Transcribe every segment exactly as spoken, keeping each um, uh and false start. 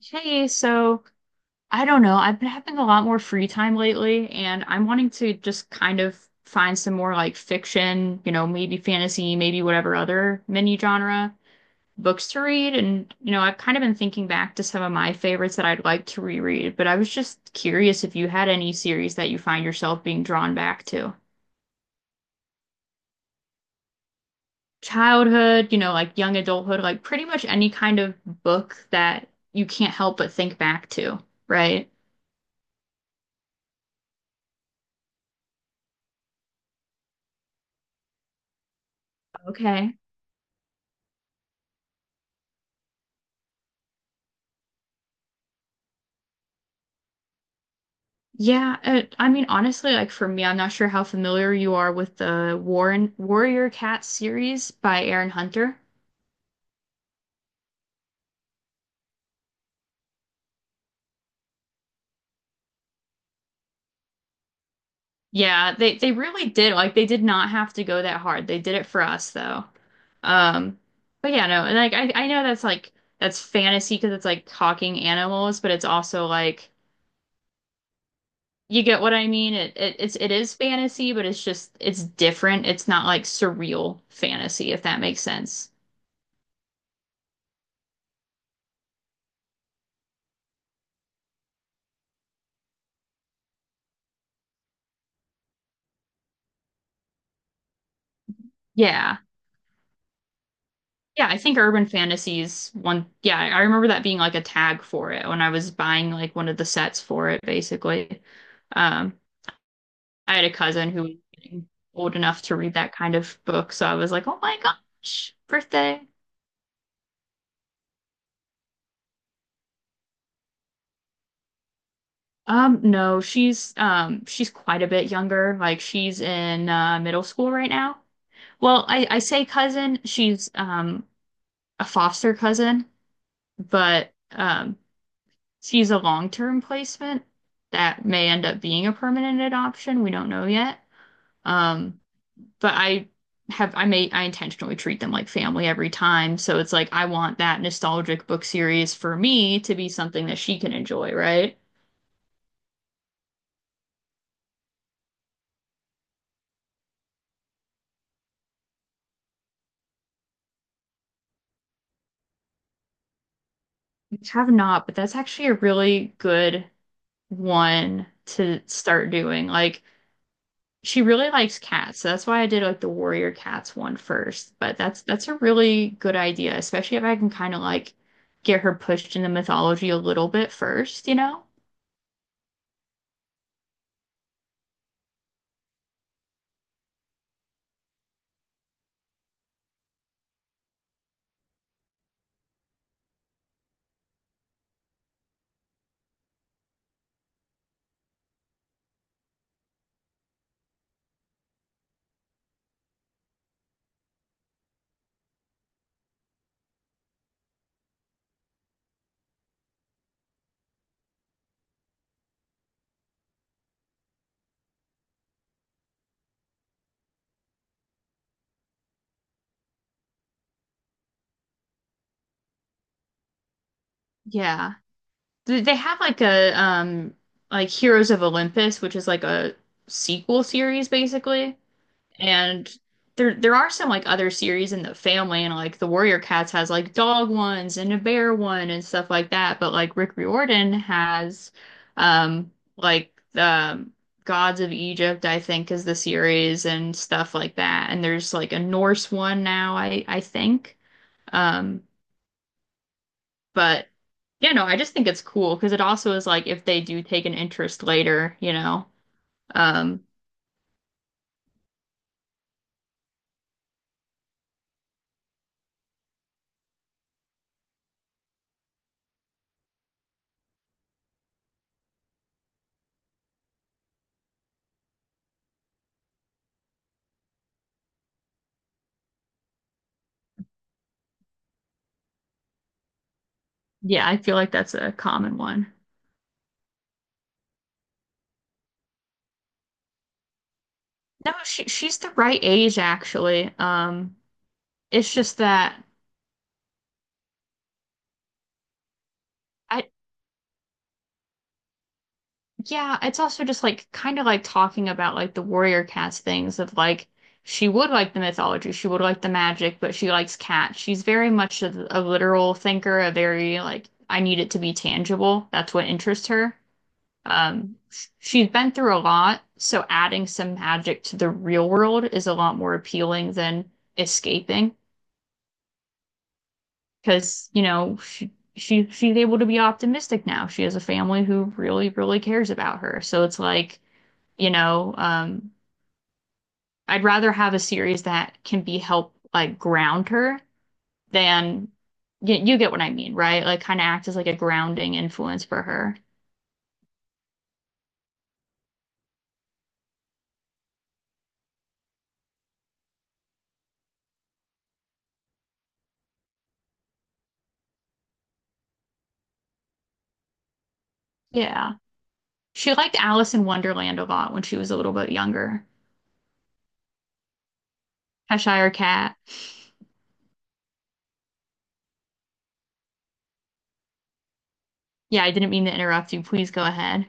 Hey, so I don't know, I've been having a lot more free time lately, and I'm wanting to just kind of find some more like fiction, you know, maybe fantasy, maybe whatever other mini genre books to read. And, you know, I've kind of been thinking back to some of my favorites that I'd like to reread, but I was just curious if you had any series that you find yourself being drawn back to. Childhood, you know, like young adulthood, like pretty much any kind of book that you can't help but think back to, right? Okay. Yeah, uh, I mean, honestly, like for me, I'm not sure how familiar you are with the Warren Warrior Cat series by Aaron Hunter. Yeah, they they really did, like they did not have to go that hard. They did it for us though. Um, but yeah, no, and like I I know that's like that's fantasy because it's like talking animals, but it's also like you get what I mean. It, it it's it is fantasy, but it's just it's different. It's not like surreal fantasy, if that makes sense. Yeah. Yeah, I think urban fantasies one, yeah, I remember that being like a tag for it when I was buying like one of the sets for it basically. Um I had a cousin who was getting old enough to read that kind of book, so I was like, "Oh my gosh, birthday." Um no, she's um she's quite a bit younger. Like she's in uh middle school right now. Well, I I say cousin, she's um a foster cousin, but um she's a long-term placement that may end up being a permanent adoption. We don't know yet. Um, but I have I may I intentionally treat them like family every time. So it's like I want that nostalgic book series for me to be something that she can enjoy, right? I have not, but that's actually a really good one to start doing. Like, she really likes cats, so that's why I did like the warrior cats one first. But that's that's a really good idea, especially if I can kind of like get her pushed into mythology a little bit first, you know? Yeah. They they have like a um like Heroes of Olympus, which is like a sequel series basically. And there there are some like other series in the family, and like the Warrior Cats has like dog ones and a bear one and stuff like that. But like Rick Riordan has um like the um, Gods of Egypt, I think, is the series and stuff like that. And there's like a Norse one now, I I think. Um, but yeah, no, I just think it's cool because it also is like if they do take an interest later, you know. Um, yeah, I feel like that's a common one. No, she she's the right age actually. Um, it's just that I, yeah, it's also just like kind of like talking about like the warrior cats things of like she would like the mythology, she would like the magic, but she likes cats. She's very much a, a literal thinker, a very like I need it to be tangible. That's what interests her. Um, sh- she's been through a lot, so adding some magic to the real world is a lot more appealing than escaping. Because you know she, she she's able to be optimistic now. She has a family who really really cares about her. So it's like, you know, um, I'd rather have a series that can be help like ground her than, you, you get what I mean, right? Like kind of act as like a grounding influence for her. Yeah, she liked Alice in Wonderland a lot when she was a little bit younger. Cheshire Cat. Yeah, I didn't mean to interrupt you. Please go ahead.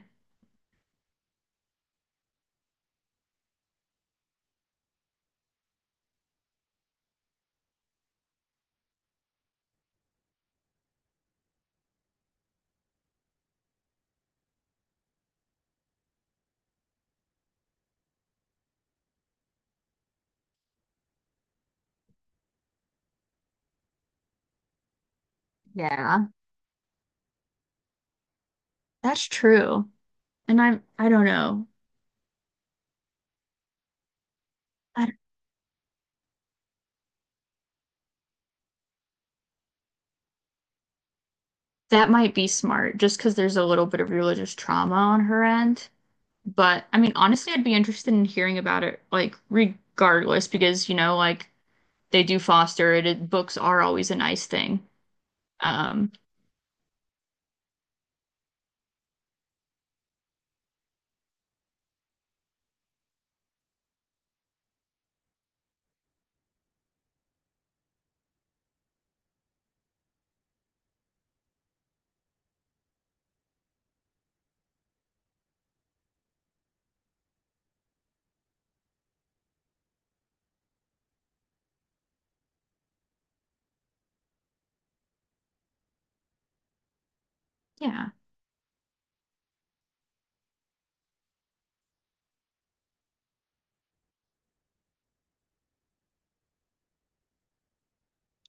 Yeah, that's true. And I'm, I don't know. I, that might be smart, just because there's a little bit of religious trauma on her end. But I mean, honestly, I'd be interested in hearing about it, like, regardless, because, you know, like, they do foster it. It books are always a nice thing. Um, yeah,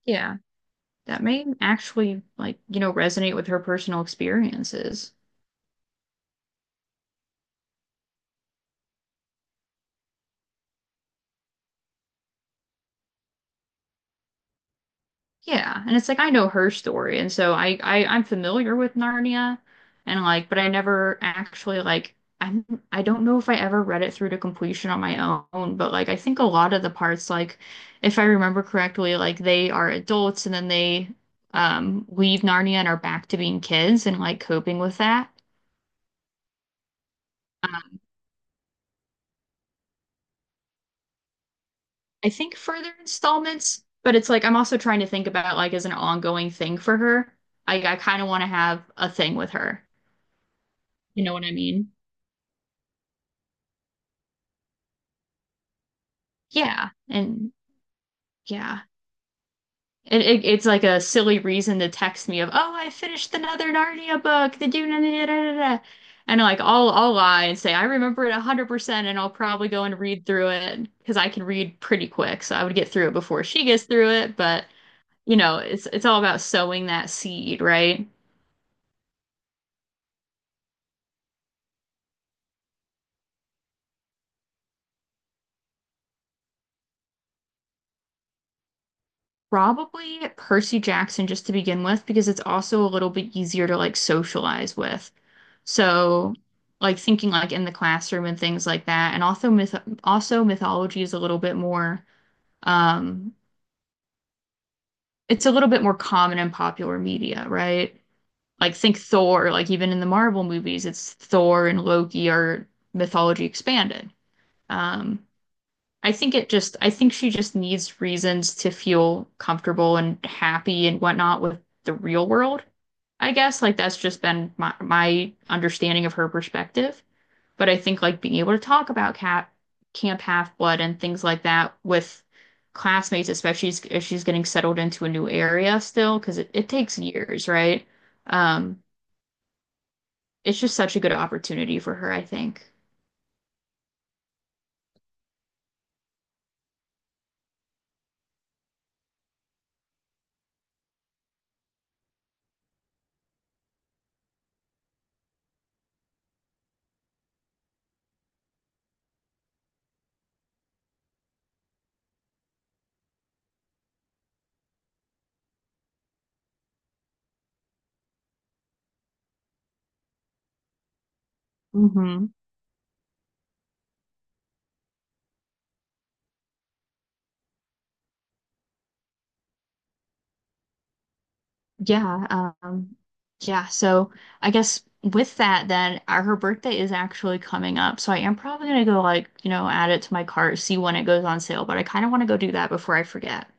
yeah. That may actually, like, you know, resonate with her personal experiences. Yeah, and it's like I know her story, and so I, I I'm familiar with Narnia, and like, but I never actually like, I'm, I don't know if I ever read it through to completion on my own, but like I think a lot of the parts, like if I remember correctly, like they are adults and then they um leave Narnia and are back to being kids and like coping with that. Um, I think further installments, but it's like I'm also trying to think about like as an ongoing thing for her. I I kind of want to have a thing with her. You know what I mean? Yeah, and yeah. It, it, it's like a silly reason to text me of, "Oh, I finished another Narnia book. The do da da da da. Da." And like I'll I'll lie and say I remember it one hundred percent and I'll probably go and read through it because I can read pretty quick. So I would get through it before she gets through it, but you know, it's it's all about sowing that seed, right? Probably Percy Jackson just to begin with, because it's also a little bit easier to like socialize with. So, like thinking like in the classroom and things like that, and also myth also mythology is a little bit more um it's a little bit more common in popular media, right? Like think Thor, like even in the Marvel movies, it's Thor and Loki are mythology expanded. Um, I think it just, I think she just needs reasons to feel comfortable and happy and whatnot with the real world. I guess like that's just been my my understanding of her perspective. But I think like being able to talk about cat Camp Half-Blood and things like that with classmates, especially if she's getting settled into a new area still, because it, it takes years, right? Um, it's just such a good opportunity for her, I think. Hmm. Yeah, um, yeah. So I guess with that, then uh, her birthday is actually coming up. So I am probably gonna go, like, you know, add it to my cart, see when it goes on sale. But I kind of want to go do that before I forget.